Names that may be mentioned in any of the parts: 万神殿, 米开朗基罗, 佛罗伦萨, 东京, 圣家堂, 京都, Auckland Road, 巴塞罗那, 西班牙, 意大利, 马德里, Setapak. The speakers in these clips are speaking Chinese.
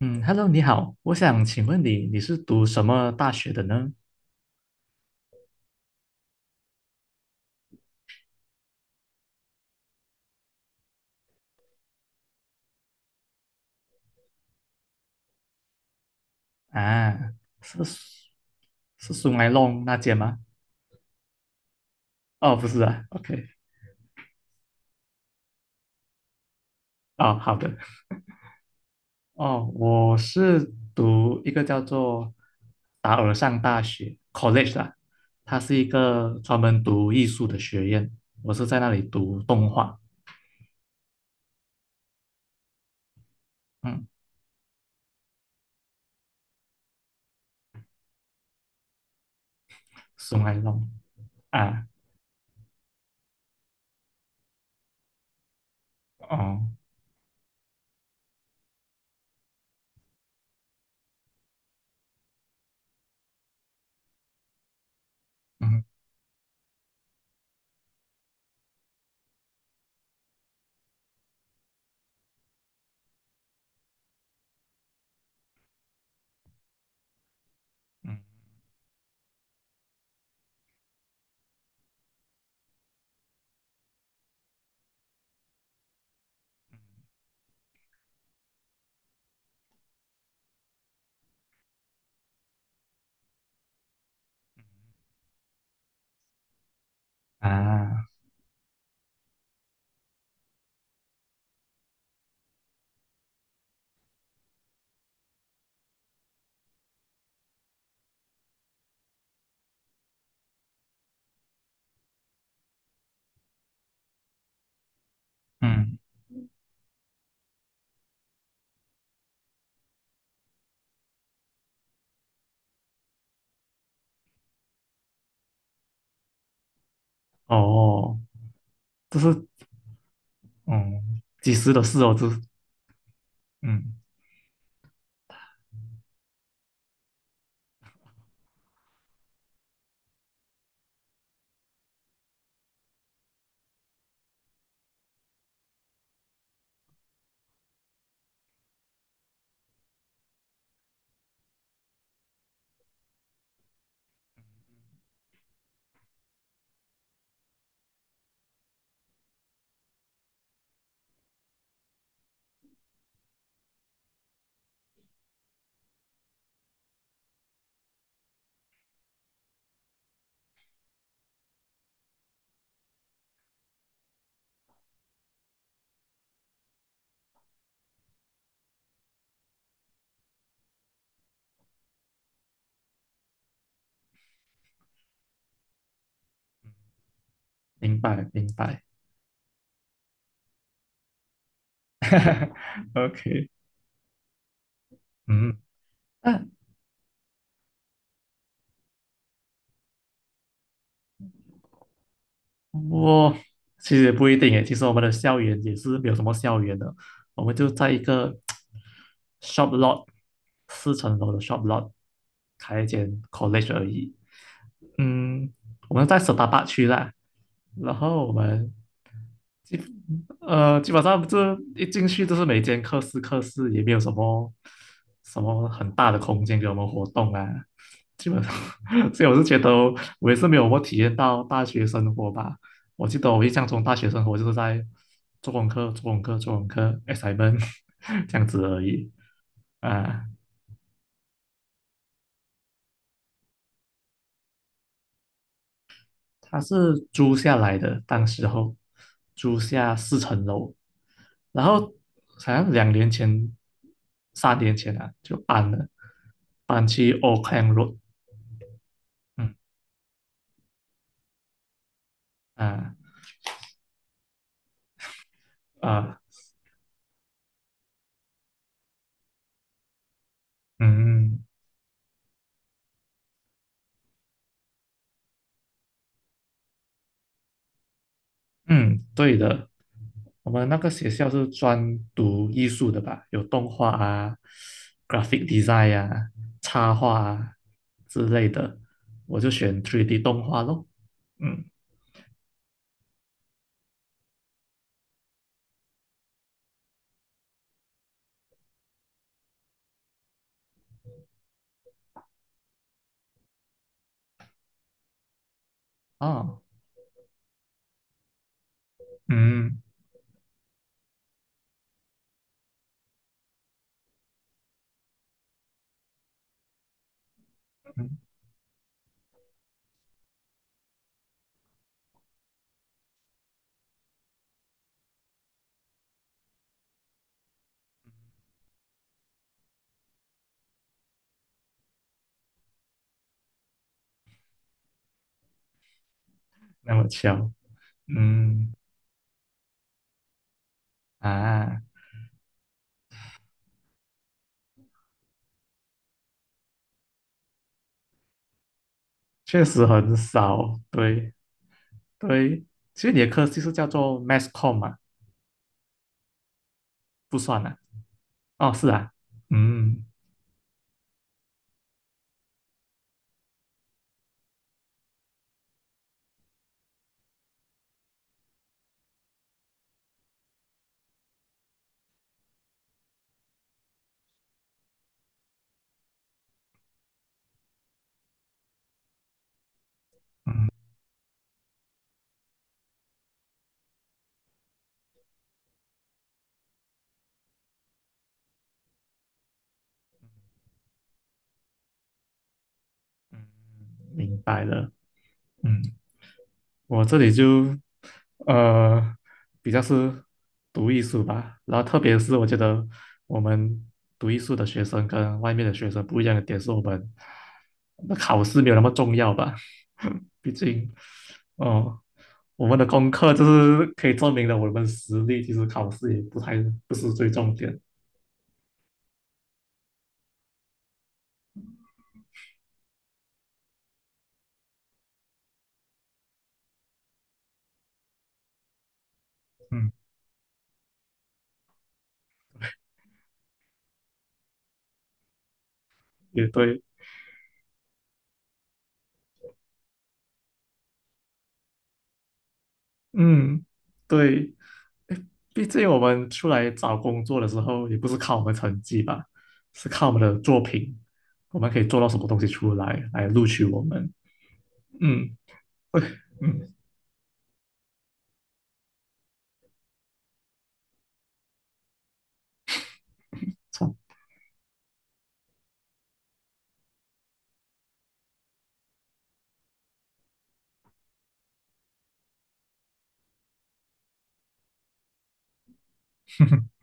嗯，Hello，你好，我想请问你，你是读什么大学的呢？啊，是是苏埃弄那间吗？哦，不是啊，OK。哦，好的。哦，我是读一个叫做达尔上大学 （college） 啦，它是一个专门读艺术的学院，我是在那里读动画。嗯，苏埃弄啊。哦，嗯嗯啊，嗯哦，这是嗯，几时的事哦？这是嗯。明白明白。OK。嗯，那我其实也不一定诶。其实我们的校园也是没有什么校园的，我们就在一个 shop lot， 四层楼的 shop lot， 开一间 college 而已。嗯，我们在 Setapak 区啦。然后我们 基基本上这一进去就是每间课室也没有什么很大的空间给我们活动啊，基本上。所以我是觉得我也是没有我体验到大学生活吧。我记得我印象中大学生活就是在做功课、做功课、做功课、assignment， 这样子而已啊。他是租下来的，当时候租下四层楼，然后好像2年前、3年前啊就搬了，搬去 Auckland Road。嗯，啊，啊，嗯嗯，对的。我们那个学校是专读艺术的吧，有动画啊、graphic design 啊、插画啊之类的，我就选 3D 动画咯。嗯，哦，嗯嗯，那么巧。嗯，啊，确实很少，对。对，其实你的课就是叫做 mass com 嘛，不算啊。哦，是啊。嗯，嗯。嗯，我这里就呃比较是读艺术吧，然后特别是我觉得我们读艺术的学生跟外面的学生不一样的点是我们那考试没有那么重要吧。毕竟哦，我们的功课就是可以证明了我们实力，其实考试也不太，不是最重点。嗯，也对。嗯，对，毕竟我们出来找工作的时候，也不是靠我们成绩吧，是靠我们的作品，我们可以做到什么东西出来来录取我们。嗯，对。嗯，错，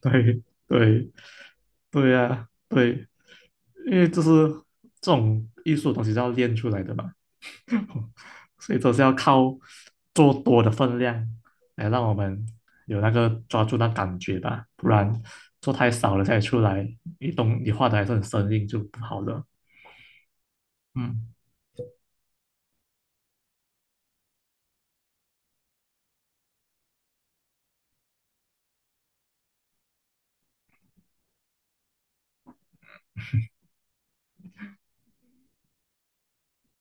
对对对呀、对，因为这是这种艺术的东西是要练出来的嘛，所以都是要靠做多的分量来让我们有那个抓住那感觉吧，不然做太少了再出来，你懂你画的还是很生硬就不好了。嗯。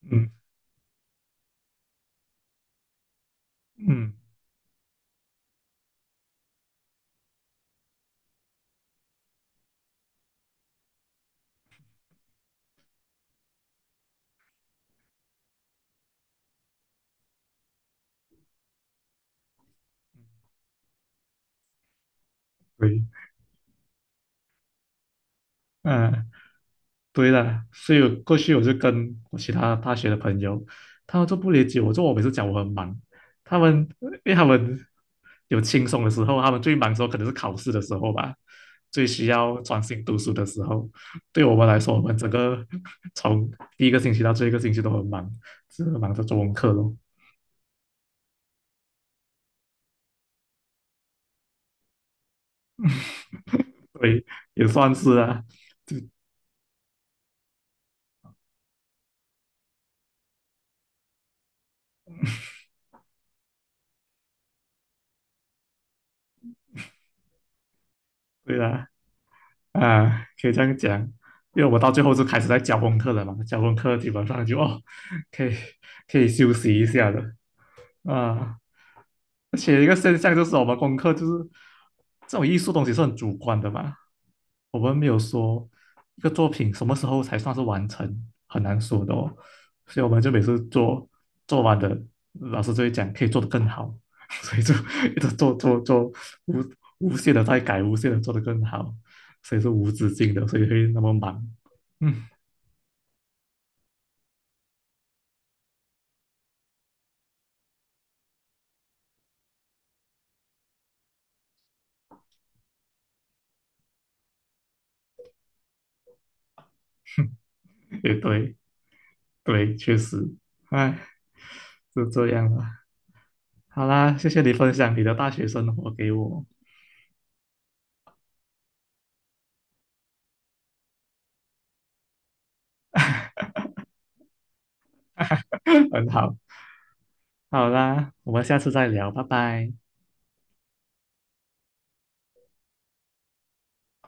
嗯嗯，对。嗯，对的，所以我过去我就跟我其他大学的朋友，他们就不理解我，就我每次讲我很忙，他们因为他们有轻松的时候，他们最忙的时候可能是考试的时候吧，最需要专心读书的时候。对我们来说，我们整个 从第一个星期到最后一个星期都很忙，只是忙着做功课咯，也算是啊，对啊。啊，可以这样讲，因为我到最后就开始在教功课了嘛，教功课基本上就哦，可以可以休息一下的啊。而且一个现象就是我们功课就是这种艺术东西是很主观的嘛，我们没有说一个作品什么时候才算是完成，很难说的哦。所以我们就每次做做完的，老师就会讲可以做得更好，所以就一直做做做无无限的在改，无限的做得更好，所以是无止境的，所以会那么忙。嗯，也对对，确实。哎，是这样了。好啦，谢谢你分享你的大学生活给我。很好。好啦，我们下次再聊，拜拜。